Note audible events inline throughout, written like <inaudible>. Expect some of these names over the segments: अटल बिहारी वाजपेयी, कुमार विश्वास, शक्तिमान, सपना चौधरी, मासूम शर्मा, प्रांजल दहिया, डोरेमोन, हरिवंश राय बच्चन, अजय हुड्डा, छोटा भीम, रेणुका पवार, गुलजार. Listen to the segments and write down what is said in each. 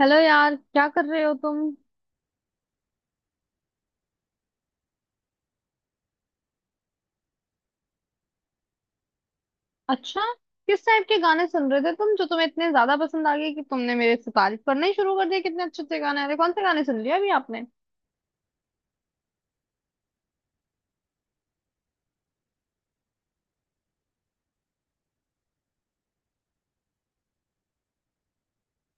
Hello यार, क्या कर रहे हो तुम। अच्छा, किस टाइप के गाने सुन रहे थे तुम जो तुम्हें इतने ज्यादा पसंद आ गए कि तुमने मेरे से तारीफ करना ही शुरू कर दिया? कितने अच्छे अच्छे गाने आ रहे? कौन से गाने सुन लिए अभी आपने?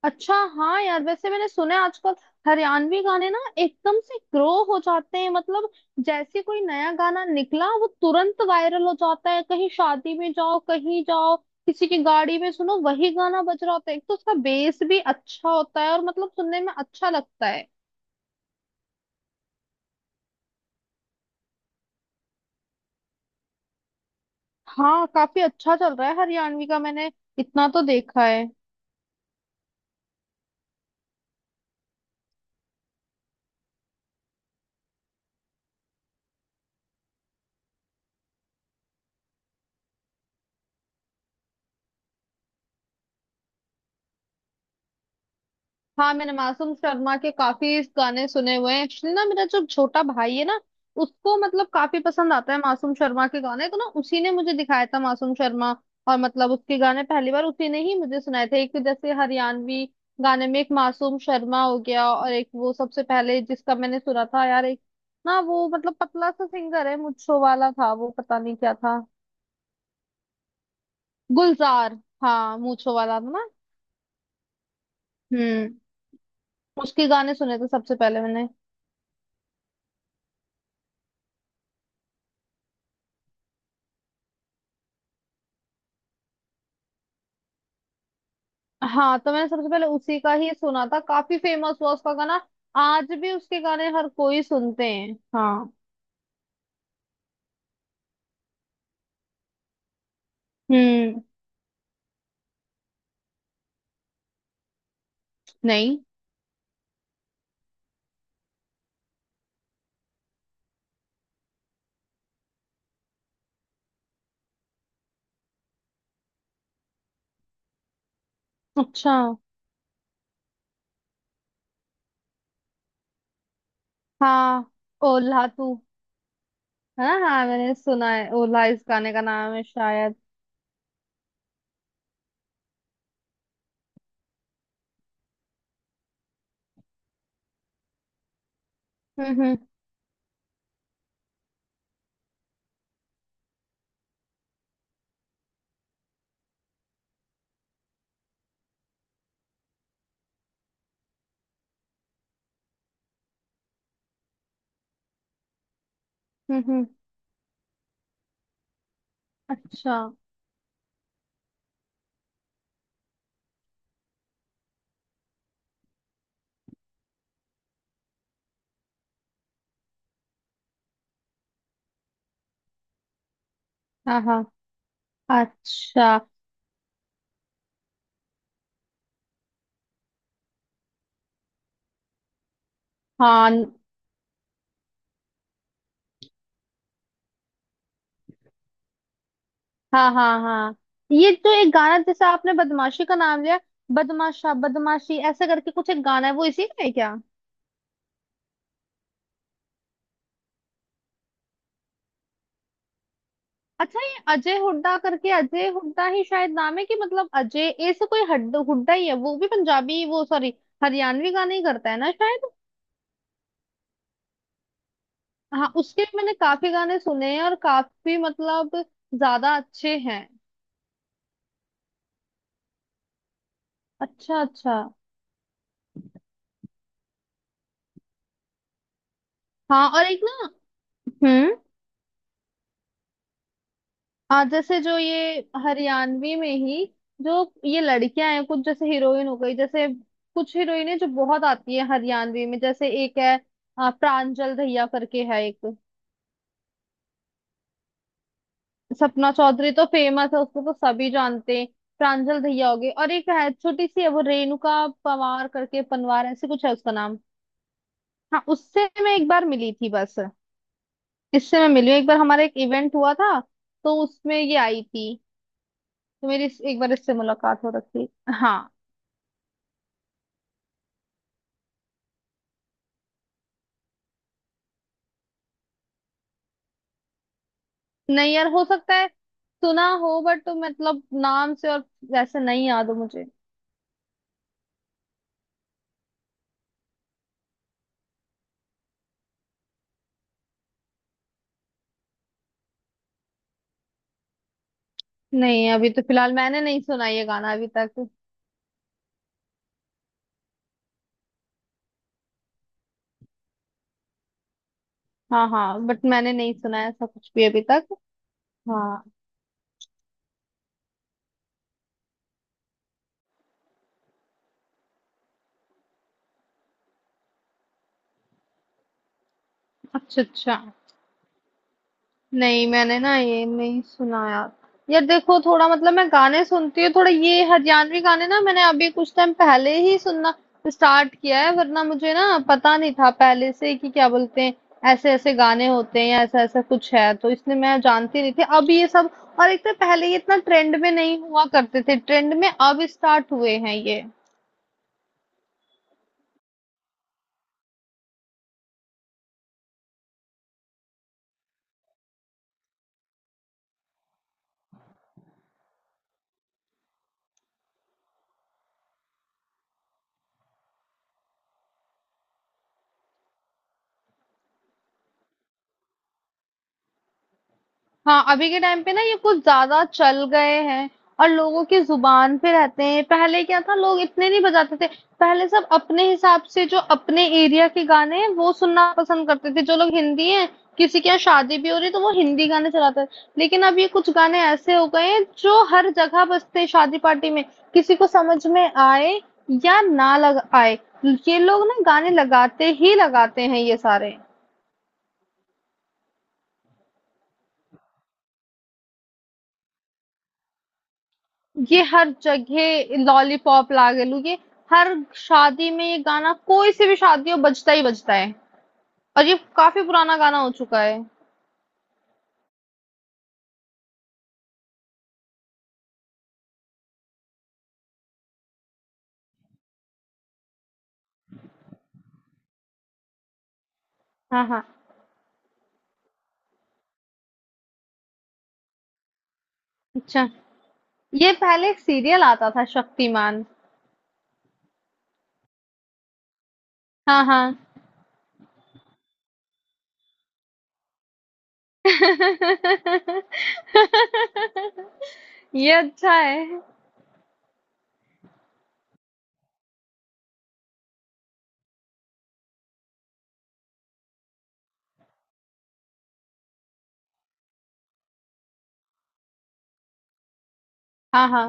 अच्छा हाँ यार, वैसे मैंने सुना है आजकल हरियाणवी गाने ना एकदम से ग्रो हो जाते हैं। मतलब, जैसे कोई नया गाना निकला वो तुरंत वायरल हो जाता है। कहीं शादी में जाओ, कहीं जाओ, किसी की गाड़ी में सुनो, वही गाना बज रहा होता है। एक तो उसका बेस भी अच्छा होता है, और मतलब सुनने में अच्छा लगता है। हाँ, काफी अच्छा चल रहा है हरियाणवी का, मैंने इतना तो देखा है। हाँ, मैंने मासूम शर्मा के काफी गाने सुने हुए हैं। एक्चुअली ना, मेरा जो छोटा भाई है ना, उसको मतलब काफी पसंद आता है मासूम शर्मा के गाने, तो ना उसी ने मुझे दिखाया था मासूम शर्मा। और मतलब उसके गाने पहली बार उसी ने ही मुझे सुनाए थे। एक जैसे हरियाणवी गाने में एक मासूम शर्मा हो गया, और एक वो सबसे पहले जिसका मैंने सुना था यार, एक ना, वो मतलब पतला सा सिंगर है, मूंछों वाला था वो, पता नहीं क्या था। गुलजार, हाँ, मूंछों वाला था ना। हम्म उसके गाने सुने थे सबसे पहले मैंने। हाँ, तो मैंने सबसे पहले उसी का ही सुना था। काफी फेमस हुआ उसका गाना। आज भी उसके गाने हर कोई सुनते हैं। हाँ। हम्म। नहीं। अच्छा। हाँ, ओल्हा तू। है ना, हाँ, मैंने सुना है, ओल्हा इस गाने का नाम है शायद। हम्म। हम्म। अच्छा। हाँ हाँ। अच्छा। हाँ हाँ हाँ हाँ। ये तो एक गाना, जैसे आपने बदमाशी का नाम लिया, बदमाशा बदमाशी ऐसा करके कुछ एक गाना है, वो इसी का है क्या? अच्छा, ये अजय हुड्डा करके, अजय हुड्डा ही शायद नाम है कि, मतलब अजय ऐसे कोई हड हुड्डा ही है वो भी पंजाबी वो, सॉरी, हरियाणवी गाने ही करता है ना शायद। हाँ, उसके भी मैंने काफी गाने सुने हैं और काफी मतलब ज्यादा अच्छे हैं। अच्छा अच्छा। हाँ, और एक ना। हम्म। आ जैसे जो ये हरियाणवी में ही, जो ये लड़कियां हैं, कुछ जैसे हीरोइन हो गई जैसे, कुछ हीरोइनें जो बहुत आती है हरियाणवी में, जैसे एक है प्रांजल दहिया करके है एक। सपना चौधरी तो फेमस है, उसको तो सभी जानते हैं। प्रांजल दहिया होगी, और एक है छोटी सी है वो, रेणुका पवार करके, पनवार ऐसे कुछ है उसका नाम। हाँ, उससे मैं एक बार मिली थी बस, इससे मैं मिली हूँ एक बार, हमारा एक इवेंट हुआ था, तो उसमें ये आई थी, तो मेरी एक बार इससे मुलाकात हो रखी। हाँ। नहीं यार, हो सकता है सुना हो, बट तो मतलब नाम से और वैसे नहीं याद हो मुझे। नहीं, अभी तो फिलहाल मैंने नहीं सुना ये गाना अभी तक। हाँ हाँ, बट मैंने नहीं सुना है ऐसा कुछ भी अभी तक। हाँ। अच्छा अच्छा। नहीं, मैंने ना ये नहीं सुना यार। यार देखो, थोड़ा मतलब मैं गाने सुनती हूँ थोड़ा, ये हरियाणवी गाने ना मैंने अभी कुछ टाइम पहले ही सुनना स्टार्ट किया है। वरना मुझे ना पता नहीं था पहले से कि क्या बोलते हैं, ऐसे ऐसे गाने होते हैं या ऐसा ऐसा कुछ है, तो इसलिए मैं जानती नहीं थी अब ये सब। और एक तो पहले ये इतना ट्रेंड में नहीं हुआ करते थे, ट्रेंड में अब स्टार्ट हुए हैं ये। हाँ, अभी के टाइम पे ना ये कुछ ज्यादा चल गए हैं और लोगों की जुबान पे रहते हैं। पहले क्या था, लोग इतने नहीं बजाते थे। पहले सब अपने हिसाब से जो अपने एरिया के गाने हैं वो सुनना पसंद करते थे। जो लोग हिंदी हैं, किसी के यहाँ शादी भी हो रही है, तो वो हिंदी गाने चलाते हैं। लेकिन अब ये कुछ गाने ऐसे हो गए हैं जो हर जगह बजते हैं शादी पार्टी में। किसी को समझ में आए या ना लग आए, ये लोग ना गाने लगाते ही लगाते हैं ये सारे। ये हर जगह लॉलीपॉप लागे लू, ये हर शादी में ये गाना, कोई से भी शादी हो, बजता ही बजता है। और ये काफी पुराना गाना हो चुका है। हाँ हाँ। अच्छा, ये पहले एक सीरियल आता था शक्तिमान। हाँ हाँ। <laughs> ये अच्छा है। हाँ हाँ।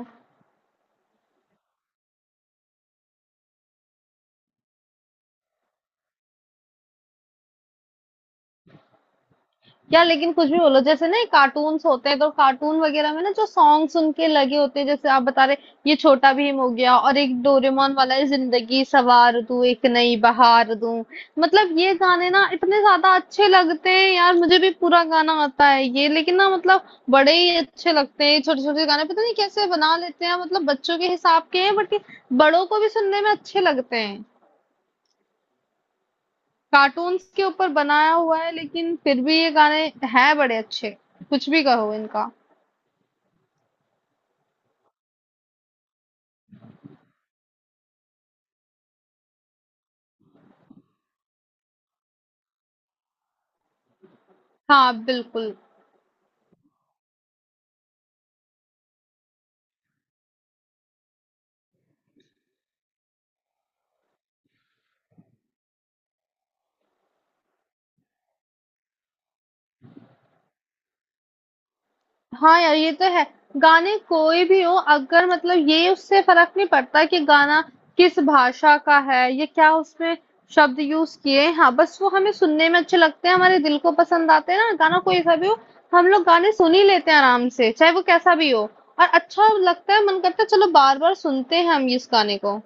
यार लेकिन कुछ भी बोलो, जैसे ना कार्टून्स होते हैं, तो कार्टून वगैरह में ना जो सॉन्ग सुन के लगे होते हैं जैसे आप बता रहे, ये छोटा भीम हो गया और एक डोरेमोन वाला है, जिंदगी सवार दूं एक नई बहार दूं। मतलब ये गाने ना इतने ज्यादा अच्छे लगते हैं यार, मुझे भी पूरा गाना आता है ये, लेकिन ना मतलब बड़े ही अच्छे लगते हैं छोटे छोटे गाने। पता नहीं कैसे बना लेते हैं, मतलब बच्चों के हिसाब के हैं बट बड़ों को भी सुनने में अच्छे लगते हैं। कार्टून्स के ऊपर बनाया हुआ है लेकिन फिर भी ये गाने हैं बड़े अच्छे, कुछ भी कहो इनका। हाँ, बिल्कुल। हाँ यार, ये तो है। गाने कोई भी हो, अगर मतलब ये उससे फ़र्क नहीं पड़ता कि गाना किस भाषा का है या क्या उसमें शब्द यूज़ किए हैं। हाँ, बस वो हमें सुनने में अच्छे लगते हैं, हमारे दिल को पसंद आते हैं ना, गाना कोई सा भी हो, हम लोग गाने सुन ही लेते हैं आराम से, चाहे वो कैसा भी हो, और अच्छा लगता है, मन करता है चलो बार-बार सुनते हैं हम इस गाने को।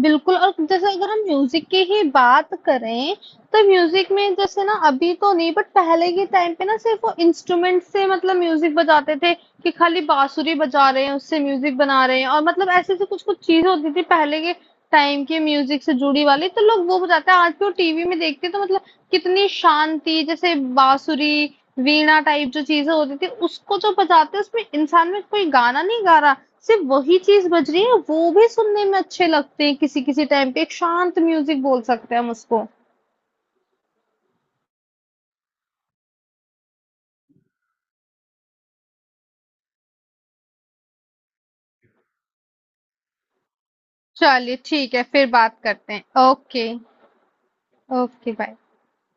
बिल्कुल। और जैसे अगर हम म्यूज़िक की ही बात करें, तो म्यूज़िक में जैसे ना, अभी तो नहीं बट पहले के टाइम पे ना सिर्फ़ वो इंस्ट्रूमेंट से मतलब म्यूज़िक बजाते थे, कि खाली बाँसुरी बजा रहे हैं, उससे म्यूज़िक बना रहे हैं, और मतलब ऐसी-ऐसी कुछ-कुछ चीज़ें होती थी पहले के टाइम की म्यूज़िक से जुड़ी वाली, तो लोग वो बजाते हैं। आज भी वो टीवी में देखते हैं तो मतलब कितनी शांति। जैसे बाँसुरी, वीणा टाइप जो चीज़ें होती थी उसको जो बजाते हैं, उसमें इंसान में कोई गाना नहीं गा रहा, सिर्फ़ वही चीज़ बज रही है, वो भी सुनने में अच्छे लगते हैं किसी-किसी टाइम पे, एक शांत म्यूज़िक बोल सकते हैं हम उसको। चलिए ठीक है, फिर बात करते हैं। Okay, okay bye.